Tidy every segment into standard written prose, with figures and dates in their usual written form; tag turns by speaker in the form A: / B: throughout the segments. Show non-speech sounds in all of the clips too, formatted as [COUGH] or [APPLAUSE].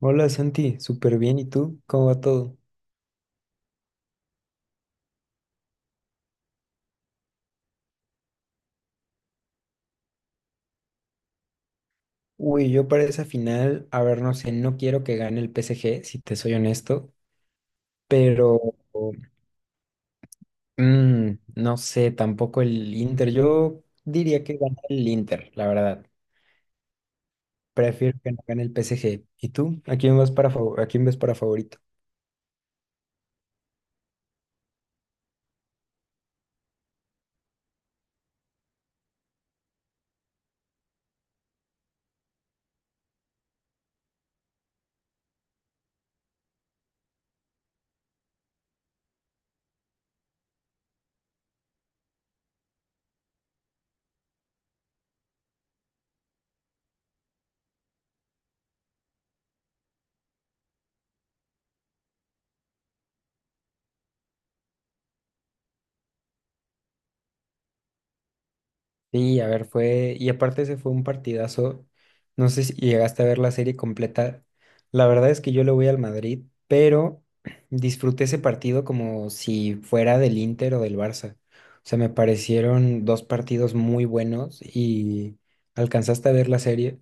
A: Hola Santi, súper bien. ¿Y tú? ¿Cómo va todo? Uy, yo para esa final, a ver, no sé, no quiero que gane el PSG, si te soy honesto, pero mm, no sé, tampoco el Inter. Yo diría que gana el Inter, la verdad. Prefiero que no gane el PSG. ¿Y tú? ¿A quién vas para a quién ves para favorito? Sí, a ver, fue, y aparte ese fue un partidazo, no sé si llegaste a ver la serie completa, la verdad es que yo le voy al Madrid, pero [CLEARS THROAT] disfruté ese partido como si fuera del Inter o del Barça, o sea, me parecieron dos partidos muy buenos y alcanzaste a ver la serie,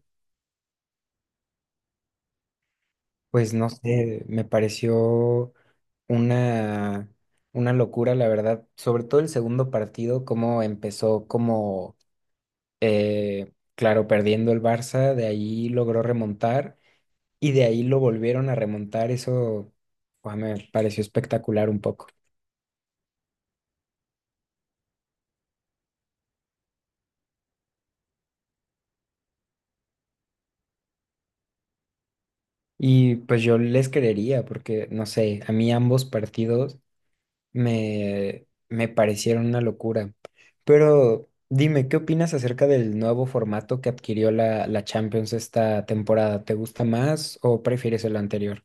A: pues no sé, me pareció una, una locura, la verdad, sobre todo el segundo partido, cómo empezó, como claro, perdiendo el Barça, de ahí logró remontar y de ahí lo volvieron a remontar. Eso, guau, me pareció espectacular un poco. Y pues yo les creería porque, no sé, a mí ambos partidos me parecieron una locura. Pero dime, ¿qué opinas acerca del nuevo formato que adquirió la Champions esta temporada? ¿Te gusta más o prefieres el anterior?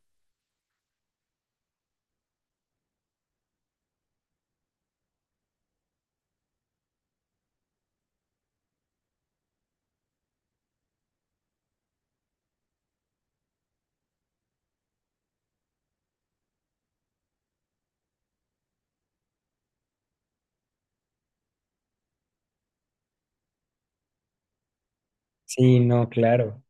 A: Sí, no, claro.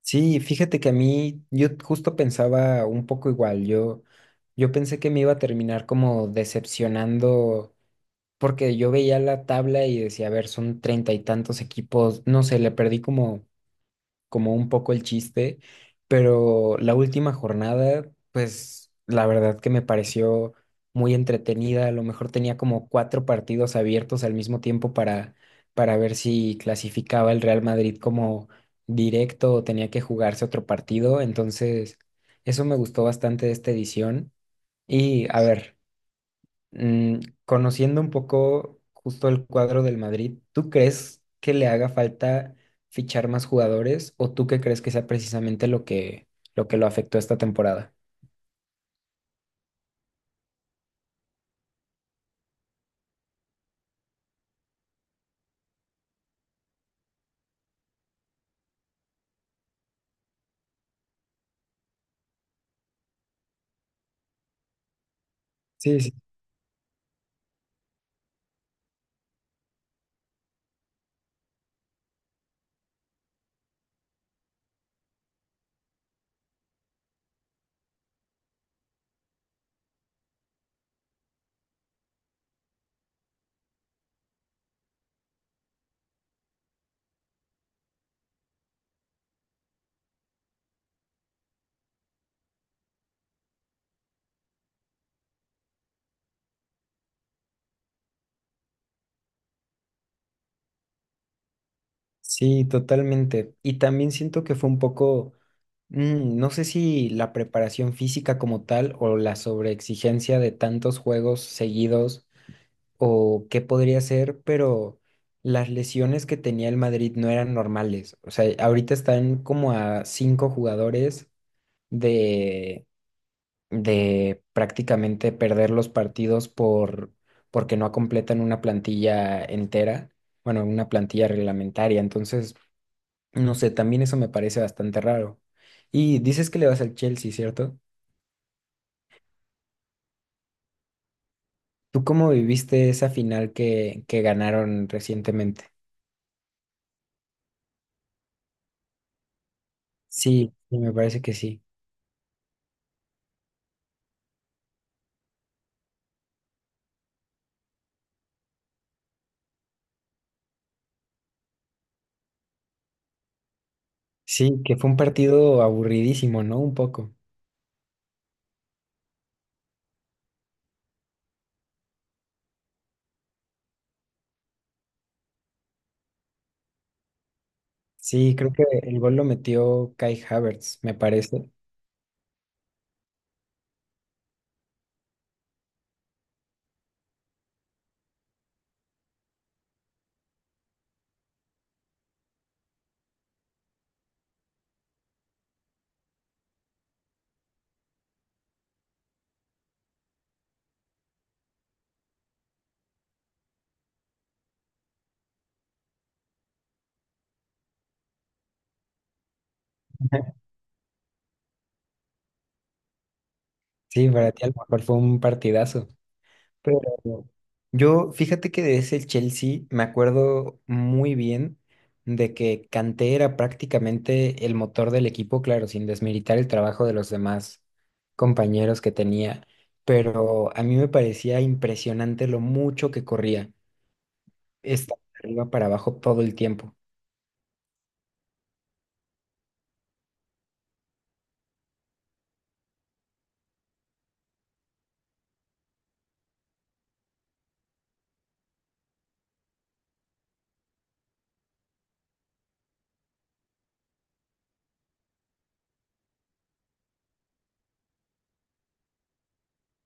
A: Sí, fíjate que a mí, yo justo pensaba un poco igual, yo pensé que me iba a terminar como decepcionando, porque yo veía la tabla y decía, a ver, son treinta y tantos equipos, no sé, le perdí como un poco el chiste, pero la última jornada, pues la verdad que me pareció muy entretenida. A lo mejor tenía como cuatro partidos abiertos al mismo tiempo para ver si clasificaba el Real Madrid como directo o tenía que jugarse otro partido. Entonces, eso me gustó bastante de esta edición. Y a ver. Conociendo un poco justo el cuadro del Madrid, ¿tú crees que le haga falta fichar más jugadores o tú qué crees que sea precisamente lo que lo afectó esta temporada? Sí, sí, sí, totalmente. Y también siento que fue un poco, no sé si la preparación física como tal o la sobreexigencia de tantos juegos seguidos o qué podría ser, pero las lesiones que tenía el Madrid no eran normales. O sea, ahorita están como a cinco jugadores de, de prácticamente perder los partidos porque no completan una plantilla entera, bueno, una plantilla reglamentaria. Entonces, no sé, también eso me parece bastante raro. Y dices que le vas al Chelsea, ¿cierto? ¿Tú cómo viviste esa final que ganaron recientemente? Sí, sí, me parece que sí. Sí, que fue un partido aburridísimo, ¿no? Un poco. Sí, creo que el gol lo metió Kai Havertz, me parece. Sí, para ti a lo mejor fue un partidazo. Pero yo, fíjate que de ese Chelsea me acuerdo muy bien de que Kanté era prácticamente el motor del equipo, claro, sin desmeritar el trabajo de los demás compañeros que tenía. Pero a mí me parecía impresionante lo mucho que corría. Estaba de arriba para abajo todo el tiempo.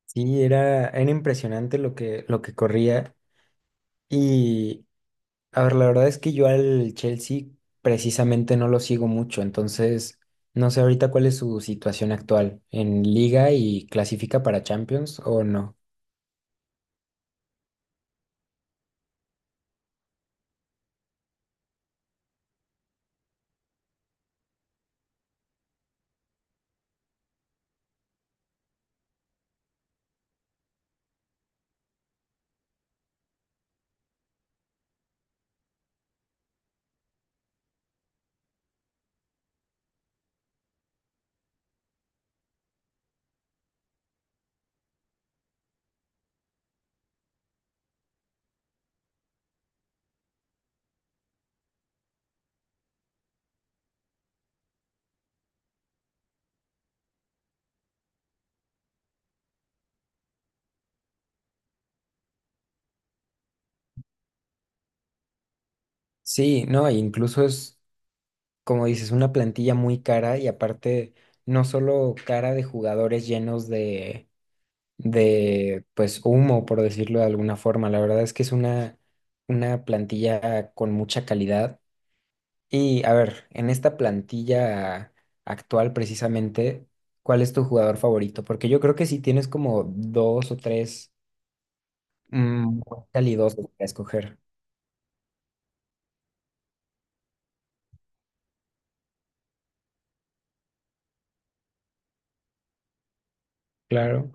A: Sí, era impresionante lo que corría. Y, a ver, la verdad es que yo al Chelsea precisamente no lo sigo mucho, entonces no sé ahorita cuál es su situación actual en liga y clasifica para Champions o no. Sí, no, e incluso es, como dices, una plantilla muy cara y aparte no solo cara de jugadores llenos de, pues, humo, por decirlo de alguna forma. La verdad es que es una plantilla con mucha calidad. Y a ver, en esta plantilla actual precisamente, ¿cuál es tu jugador favorito? Porque yo creo que sí tienes como dos o tres muy calidosos para escoger. Claro.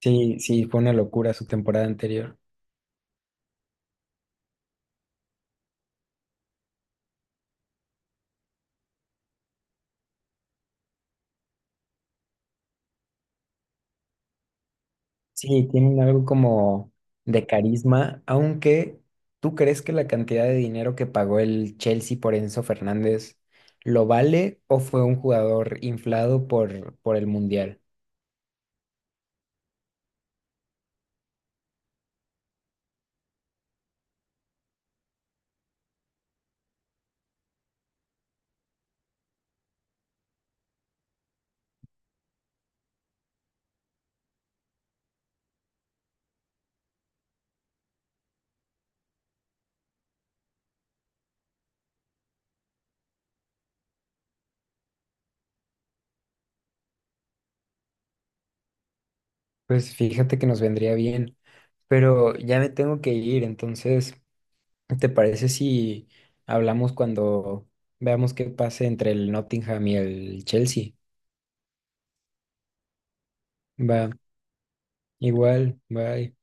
A: Sí, sí, fue una locura su temporada anterior. Sí, tienen algo como de carisma, aunque ¿tú crees que la cantidad de dinero que pagó el Chelsea por Enzo Fernández lo vale o fue un jugador inflado por el Mundial? Pues fíjate que nos vendría bien. Pero ya me tengo que ir, entonces, ¿te parece si hablamos cuando veamos qué pase entre el Nottingham y el Chelsea? Va, igual, bye.